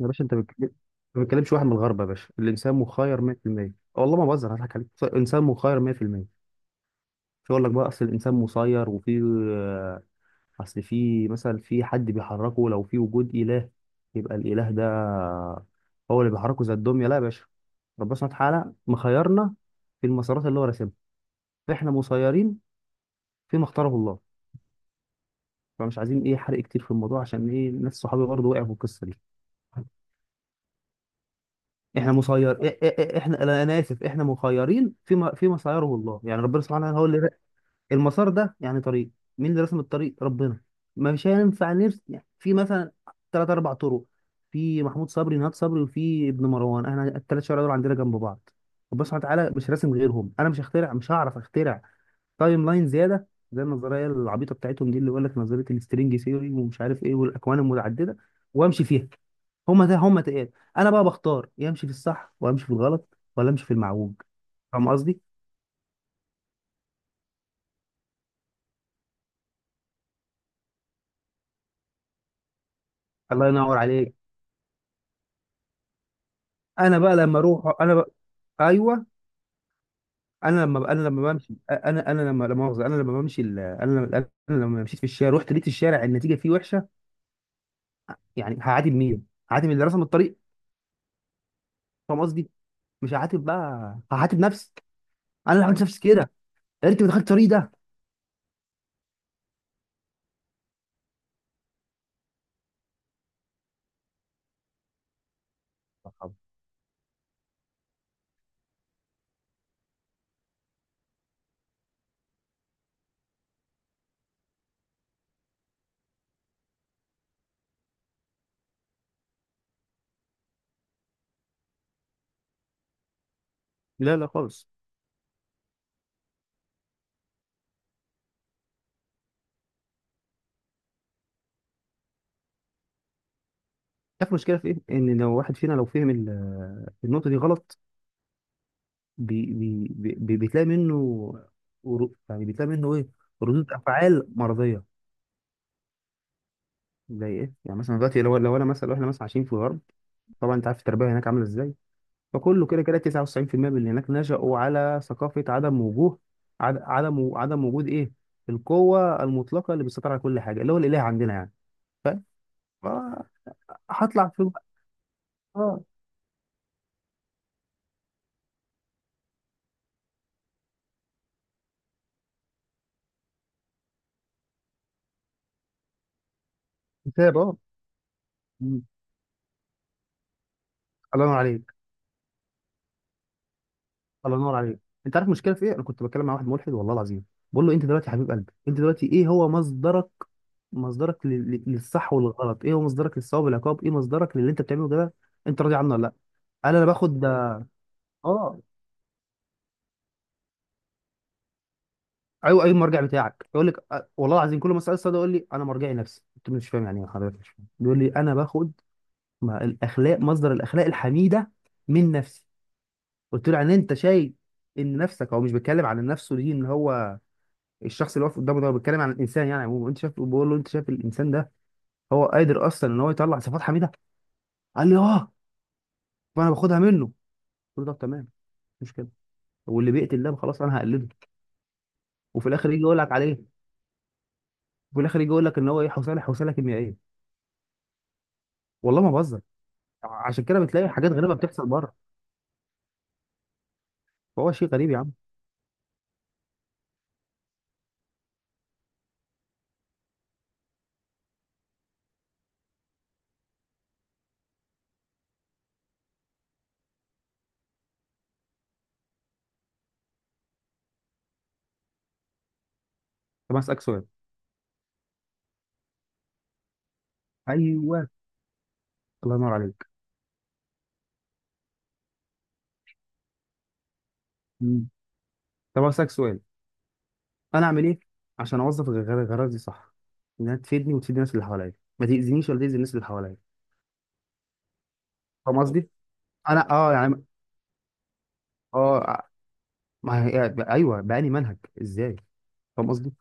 يا باشا، انت ما بتكلمش واحد من الغرب يا باشا. الانسان مخير 100%. والله ما بهزر هضحك عليك. انسان مخير 100%. مش هقول لك بقى اصل الانسان مسير وفي آه، اصل في مثلا في حد بيحركه. لو في وجود اله، يبقى الاله ده هو اللي بيحركه زي الدميه؟ لا يا باشا، ربنا سبحانه وتعالى مخيرنا في المسارات اللي هو راسمها، فاحنا مسيرين فيما اختاره الله. فمش عايزين ايه حرق كتير في الموضوع، عشان ايه ناس صحابي برضه وقعوا في القصه دي. احنا مسير إ- إ- إ- احنا لا، انا اسف، احنا مخيرين فيما سيره الله. يعني ربنا سبحانه وتعالى هو اللي المسار ده يعني طريق. مين اللي رسم الطريق؟ ربنا. مش هينفع نرسم يعني في مثلا ثلاث اربع طرق. في محمود صبري نهاد صبري وفي ابن مروان، احنا الثلاث شوارع دول عندنا جنب بعض. ربنا سبحانه وتعالى مش راسم غيرهم. انا مش مش هعرف اخترع تايم لاين زياده، زي النظريه العبيطه بتاعتهم دي، اللي يقول لك نظريه السترينج ثيوري ومش عارف ايه والاكوان المتعدده وامشي فيها. هما ده هما تقال. انا بقى بختار، يا امشي في الصح وامشي في الغلط ولا امشي في المعوج. فاهم قصدي؟ الله ينور عليك. انا بقى لما اروح، انا بقى، ايوه، انا لما بقى انا لما بمشي انا لما لا مؤاخذه، انا لما بمشي انا لما انا لما مشيت في الشارع، رحت لقيت الشارع النتيجه فيه وحشه. يعني هعاتب مين؟ هعاتب اللي رسم الطريق. فاهم قصدي؟ مش هعاتب بقى، هعاتب نفسي. انا اللي عملت نفسي كده. يا ريتني ما دخلت الطريق ده. مرحبا. لا لا خالص. عارف المشكله في ايه؟ ان لو واحد فينا لو فهم النقطه دي غلط، بي بي بي بتلاقي منه، يعني بتلاقي منه ايه؟ ردود افعال مرضيه. زي ايه؟ يعني مثلا دلوقتي لو انا مثلا لو احنا مثلا عايشين في الغرب، طبعا انت عارف التربيه هناك عامله ازاي. فكله كده كده 99% من اللي هناك نشأوا على ثقافه عدم وجوه، عدم وجود ايه؟ القوه المطلقه اللي بتسيطر على كل حاجه، اللي هو الاله عندنا يعني. فهطلع في اه كتاب مم. الله ينور عليك. الله ينور عليك. انت عارف المشكله في ايه؟ انا كنت بتكلم مع واحد ملحد، والله العظيم. بقول له انت دلوقتي يا حبيب قلبي، انت دلوقتي ايه هو مصدرك؟ مصدرك للصح والغلط، ايه هو مصدرك للصواب والعقاب، ايه مصدرك للي انت بتعمله ده؟ انت راضي عنه ولا لا؟ قال انا باخد، اه. ايوه ايوه، المرجع بتاعك يقول لك والله العظيم كل ما اسال السؤال ده يقول لي انا مرجعي نفسي. قلت له مش فاهم، يعني ايه حضرتك مش فاهم؟ بيقول لي انا باخد، ما الاخلاق مصدر الاخلاق الحميده من نفسي. قلت له يعني انت شايف ان نفسك، هو مش بيتكلم عن نفسه دي ان هو الشخص اللي واقف قدامه ده، بيتكلم عن الانسان يعني عموما. انت شايف بقول له انت شايف الانسان ده هو قادر اصلا ان هو يطلع صفات حميده؟ قال لي اه، فانا باخدها منه. قلت له طب تمام، مش مشكله، واللي بيقتل ده خلاص انا هقلده. وفي الاخر يجي يقول لك عليه وفي الاخر يجي يقول لك ان هو ايه؟ حوصله كيميائيه. والله ما بهزر. عشان كده بتلاقي حاجات غريبه بتحصل بره. فهو شيء غريب يا عم. طب أنا اسالك سؤال. ايوه. الله ينور عليك. مم. طب أنا اسالك سؤال، انا اعمل ايه عشان اوظف الغرض دي صح، انها تفيدني وتفيد الناس اللي حواليا، ما تاذينيش ولا تاذي الناس اللي حواليا؟ فاهم قصدي؟ انا يعني اه ما هي ايوه، بقى لي منهج ازاي؟ فاهم قصدي؟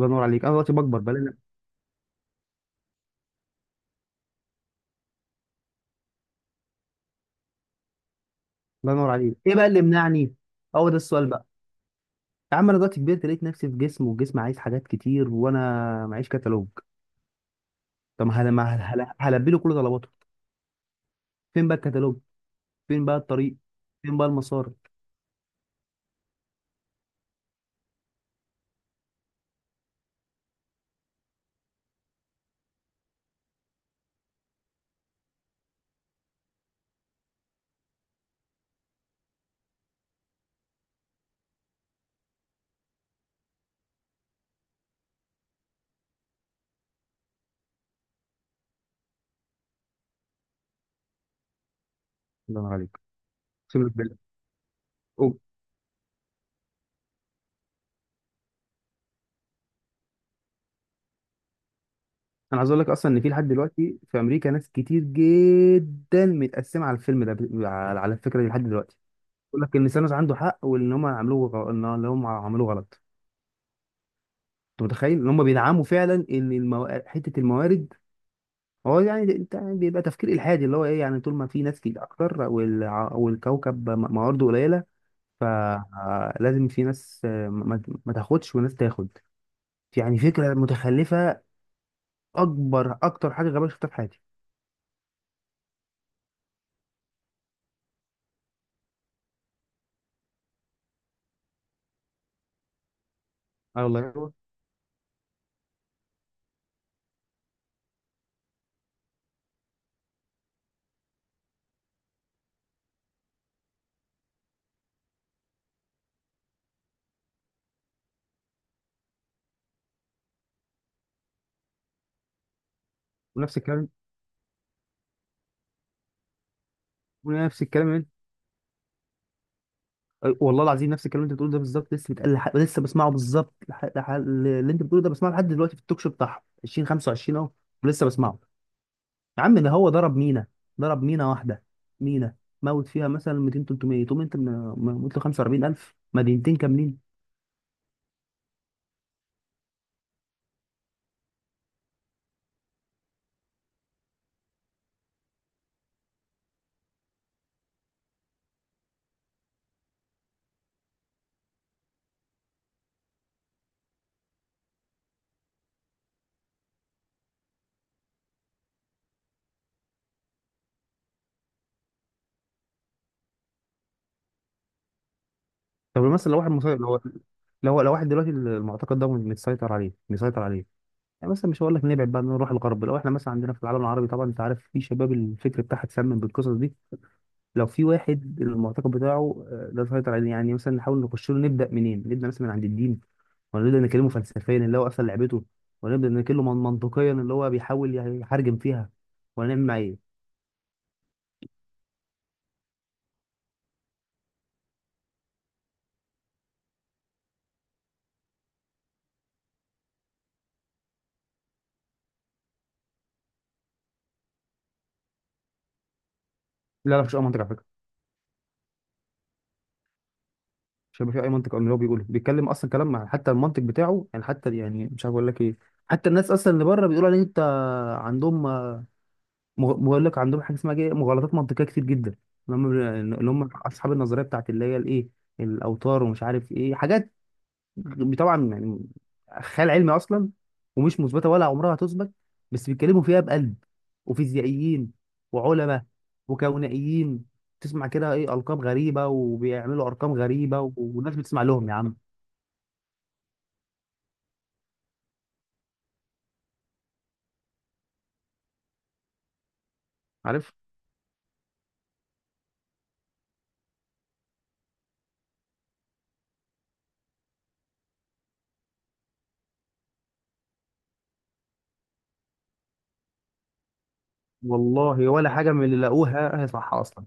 الله ينور عليك. انا دلوقتي بكبر بقى لي. الله ينور عليك. ايه بقى اللي منعني؟ هو ده السؤال بقى. يا عم انا دلوقتي كبرت لقيت نفسي في جسم، والجسم عايز حاجات كتير، وانا معيش كتالوج. طب ما هل ما هل... هل... هلبي له كل طلباته؟ فين بقى الكتالوج؟ فين بقى الطريق؟ فين بقى المسار؟ الله ينور عليك. اقسم لك بالله. أوه. انا عايز اقول لك اصلا ان في لحد دلوقتي في امريكا ناس كتير جدا متقسمه على الفيلم ده، على الفكره دي لحد دلوقتي. بيقول لك ان سانوس عنده حق، وان هم عملوه غ- ان إن هم عملوه غلط. انت متخيل ان هم بيدعموا فعلا ان حته الموارد؟ هو يعني انت يعني بيبقى تفكير الحادي اللي هو ايه؟ يعني طول ما في ناس كتير اكتر، والكوكب موارده قليله، فلازم في ناس ما تاخدش وناس تاخد. يعني فكره متخلفه، اكبر اكتر حاجه غبيه شفتها في حياتي. اه والله هو. ونفس الكلام. ونفس الكلام. والله العظيم نفس الكلام اللي انت بتقوله ده بالظبط، لسه لسه بسمعه بالظبط، اللي انت بتقوله ده بسمعه لحد دلوقتي في التوك شو بتاعهم 2025 اهو. ولسه بسمعه. يا عم ده هو ضرب مينا، ضرب مينا واحده، مينا، موت فيها مثلا 200 300، تقوم انت موت له 45,000، مدينتين كاملين. طب مثلا لو واحد مسيطر، لو لو واحد دلوقتي، المعتقد ده متسيطر عليه، مسيطر عليه. يعني مثلا مش هقول لك نبعد بقى نروح الغرب، لو احنا مثلا عندنا في العالم العربي، طبعا انت عارف في شباب الفكر بتاعها اتسمم بالقصص دي. لو في واحد المعتقد بتاعه لا يسيطر عليه، يعني مثلا نحاول نخش له نبدا منين؟ نبدا مثلا من عند الدين، ولا نبدا نكلمه فلسفيا اللي هو اصلا لعبته، ولا نبدا نكلمه منطقيا اللي هو بيحاول يحرجم فيها، ولا نعمل معاه ايه؟ لا لا، مفيش اي منطق على فكره. مش هيبقى في اي منطق من اللي هو بيقوله، بيتكلم اصلا كلام مع، حتى المنطق بتاعه يعني، حتى يعني مش عارف اقول لك ايه. حتى الناس اصلا اللي بره بيقولوا ان انت عندهم بقول لك عندهم حاجه اسمها ايه؟ مغالطات منطقيه كتير جدا. اللي هم اللي هم اصحاب النظريه بتاعت اللي هي الايه؟ الاوتار ومش عارف ايه حاجات. طبعا يعني خيال علمي اصلا، ومش مثبته ولا عمرها هتثبت، بس بيتكلموا فيها بقلب، وفيزيائيين وعلماء وكونائيين. تسمع كده ايه؟ القاب غريبه وبيعملوا ارقام غريبه والناس بتسمع لهم يا عم. عارف، والله ولا حاجه من اللي لقوها هي صح اصلا.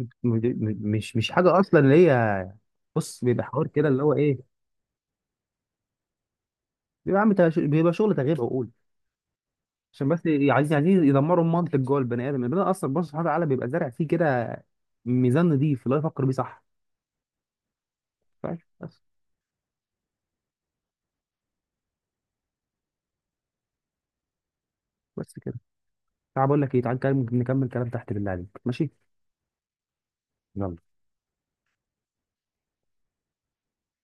مش حاجه اصلا اللي هي. بص، بيبقى حوار كده اللي هو ايه؟ بيبقى شغل تغيير عقول. عشان بس عايزين يدمروا المنطق جوه البني ادم. البني ادم اصلا، بص، سبحانه وتعالى بيبقى زارع فيه كده ميزان نضيف اللي هو يفكر بيه صح. فاهم؟ بس بس كده. تعال بقول لك ايه تعال نكمل كلام تحت بالله عليك، ماشي؟